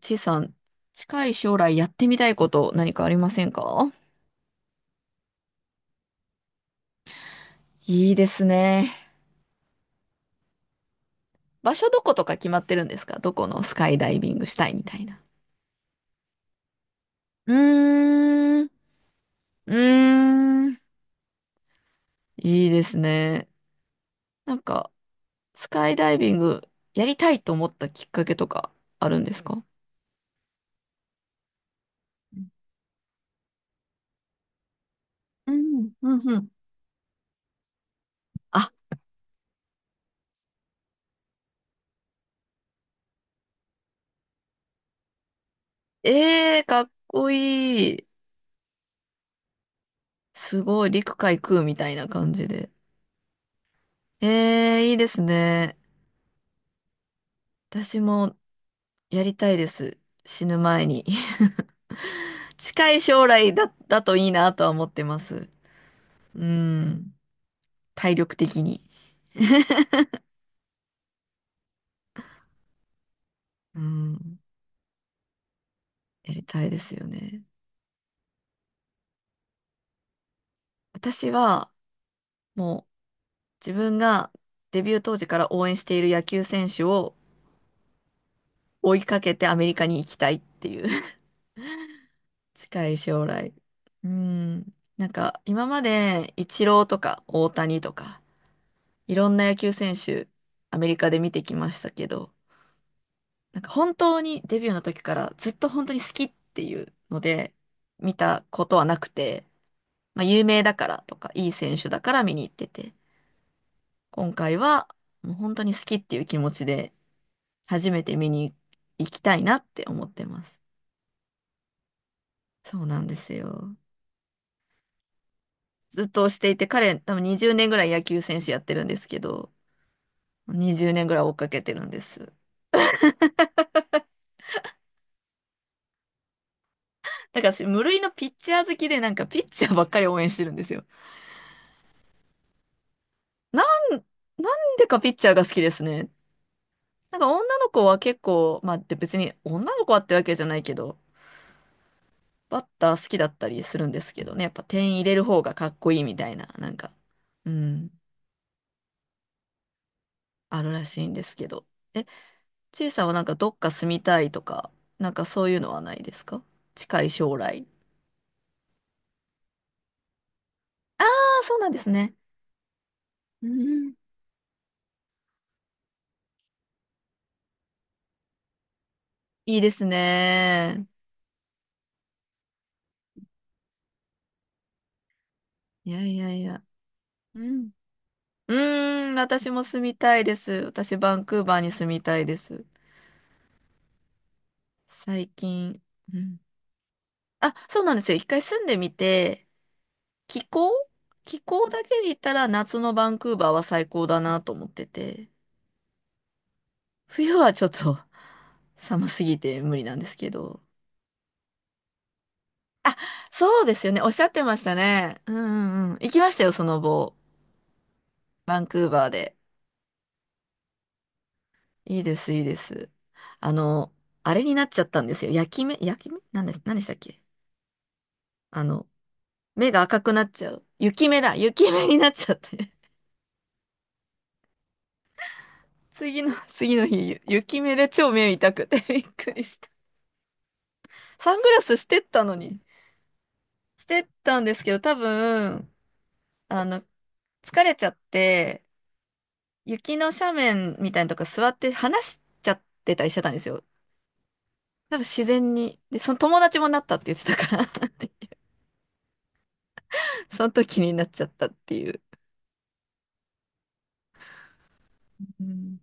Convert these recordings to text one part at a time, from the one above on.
ちいさん、近い将来やってみたいこと何かありませんか？いいですね。場所どことか決まってるんですか？どこのスカイダイビングしたいみたいな。うーん、うーん、いいですね。なんか、スカイダイビングやりたいと思ったきっかけとかあるんですか？うん、うん、うん。あ、ええかっこいい。すごい、陸海空みたいな感じで。ええいいですね。私もやりたいです。死ぬ前に。近い将来だといいなとは思ってます。うん。体力的に。うん。やりたいですよね。私は、もう自分がデビュー当時から応援している野球選手を追いかけてアメリカに行きたいっていう 近い将来。うん。なんか、今までイチローとか大谷とか、いろんな野球選手、アメリカで見てきましたけど、なんか本当にデビューの時からずっと本当に好きっていうので見たことはなくて、まあ有名だからとかいい選手だから見に行ってて、今回はもう本当に好きっていう気持ちで初めて見に行きたいなって思ってます。そうなんですよ。ずっと推していて彼多分20年ぐらい野球選手やってるんですけど、20年ぐらい追っかけてるんです。だから私無類のピッチャー好きでなんかピッチャーばっかり応援してるんですよ。ななんでかピッチャーが好きですね。なんか女の子は結構、まあで別に女の子はってわけじゃないけど、バッター好きだったりするんですけどね、やっぱ点入れる方がかっこいいみたいな、なんか、うん、あるらしいんですけど。え、ちいさんはなんかどっか住みたいとか、なんかそういうのはないですか？近い将来。ああ、そうなんですね。うん、いいですね。いやいやいや。うん。うーん、私も住みたいです。私、バンクーバーに住みたいです。最近。うんあ、そうなんですよ。一回住んでみて、気候気候だけで言ったら夏のバンクーバーは最高だなと思ってて、冬はちょっと 寒すぎて無理なんですけど。あ、そうですよね。おっしゃってましたね。うんうんうん。行きましたよ、その後。バンクーバーで。いいです、いいです。あの、あれになっちゃったんですよ。焼き目なんです、何でしたっけ？あの、目が赤くなっちゃう。雪目になっちゃって。次の、次の日、雪目で超目痛くて びっくりした。サングラスしてったのに。してったんですけど、多分、あの、疲れちゃって、雪の斜面みたいなとこ座って話しちゃってたりしてたんですよ。多分自然に。で、その友達もなったって言ってたから その時になっちゃったっていう。うん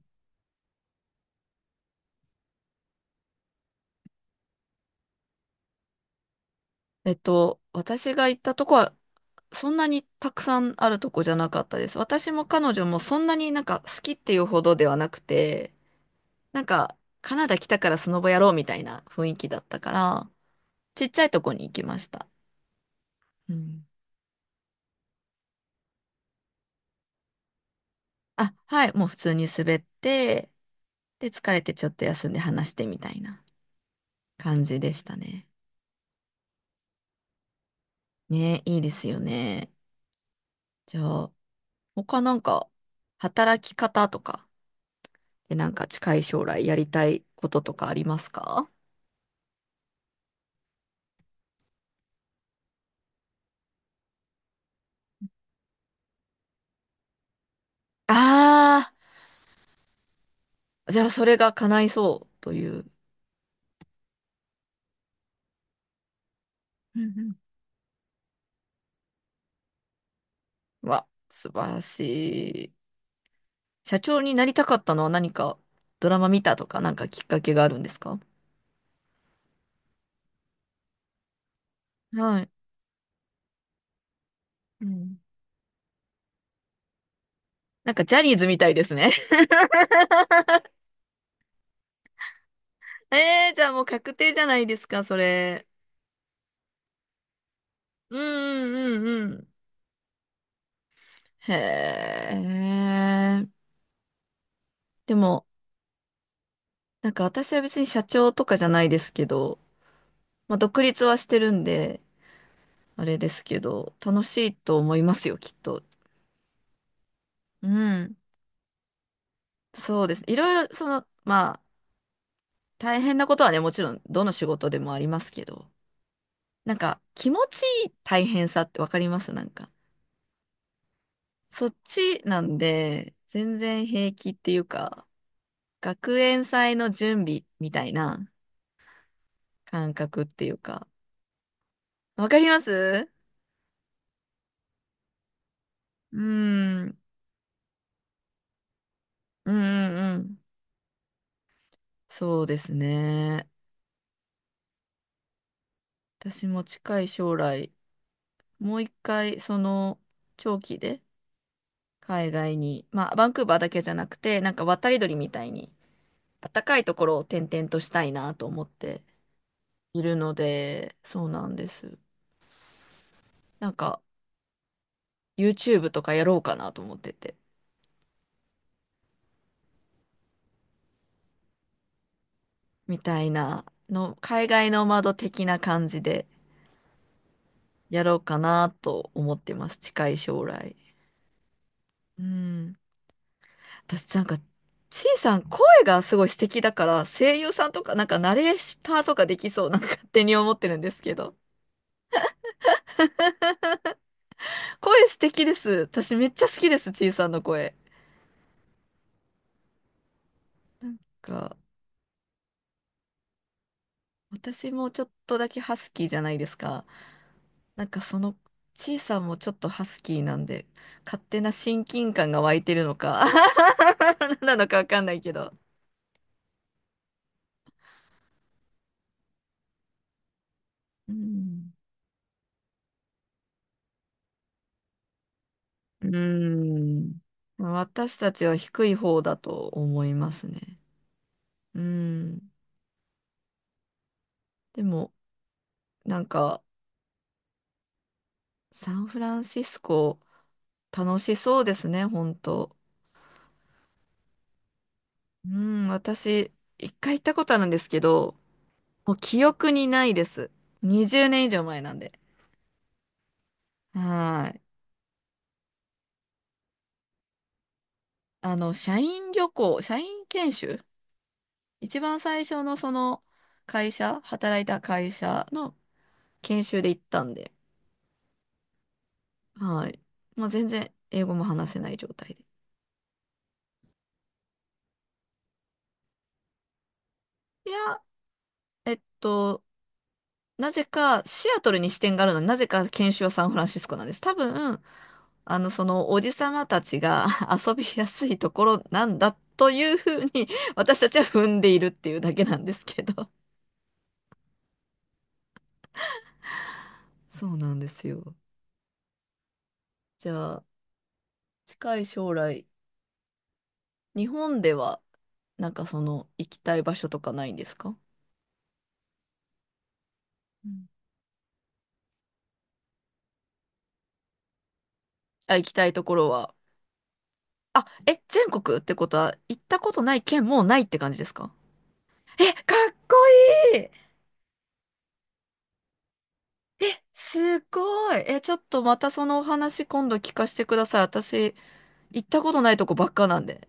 えっと、私が行ったとこは、そんなにたくさんあるとこじゃなかったです。私も彼女もそんなになんか好きっていうほどではなくて、なんか、カナダ来たからスノボやろうみたいな雰囲気だったから、ちっちゃいとこに行きました。うん。あ、はい、もう普通に滑って、で、疲れてちょっと休んで話してみたいな感じでしたね。ね、いいですよね。じゃあ、他なんか、働き方とか、で、なんか近い将来やりたいこととかありますか？ああー、じゃあそれが叶いそうという。うんうんわ、素晴らしい。社長になりたかったのは何か？ドラマ見たとかなんかきっかけがあるんですか？はい。うん。なんかジャニーズみたいですね。えー、じゃあもう確定じゃないですか、それ。うんうんうんうん。へえ。でも、なんか私は別に社長とかじゃないですけど、まあ独立はしてるんで、あれですけど、楽しいと思いますよ、きっと。うん。そうです。いろいろ、その、まあ、大変なことはね、もちろんどの仕事でもありますけど、なんか気持ちいい大変さってわかりますなんか。そっちなんで、全然平気っていうか、学園祭の準備みたいな感覚っていうか。わかりますうーん、うんうんうん。そうですね。私も近い将来、もう一回、その、長期で海外に、まあ、バンクーバーだけじゃなくて、なんか渡り鳥みたいに、暖かいところを転々としたいなと思っているので、そうなんです。なんか、YouTube とかやろうかなと思ってて、みたいなの、海外ノマド的な感じでやろうかなと思ってます、近い将来。うん。私なんか、ちいさん声がすごい素敵だから、声優さんとか、なんかナレーターとかできそう、なんか勝手に思ってるんですけど。声素敵です。私めっちゃ好きです、ちいさんの声。なんか、私もちょっとだけハスキーじゃないですか。なんかその、ちいさんもちょっとハスキーなんで、勝手な親近感が湧いてるのか、何なのかわかんないけど。うん。うーん。私たちは低い方だと思いますね。うん。でも、なんか、サンフランシスコ、楽しそうですね、本当。うん、私、一回行ったことあるんですけど、もう記憶にないです。20年以上前なんで。はーい。あの、社員旅行、社員研修一番最初のその会社、働いた会社の研修で行ったんで、はい。まあ、全然英語も話せない状態で。いやあと、なぜかシアトルに支店があるのになぜか研修はサンフランシスコなんです。多分、あの、そのおじさまたちが 遊びやすいところなんだというふうに 私たちは踏んでいるっていうだけなんですけど。そうなんですよ。じゃあ、近い将来、日本では、なんかその、行きたい場所とかないんですか？うんあ、行きたいところは。あ、え、全国ってことは、行ったことない県もうないって感じですか？え、かっこいいえ、すごい。え、ちょっとまたそのお話今度聞かせてください。私、行ったことないとこばっかなんで。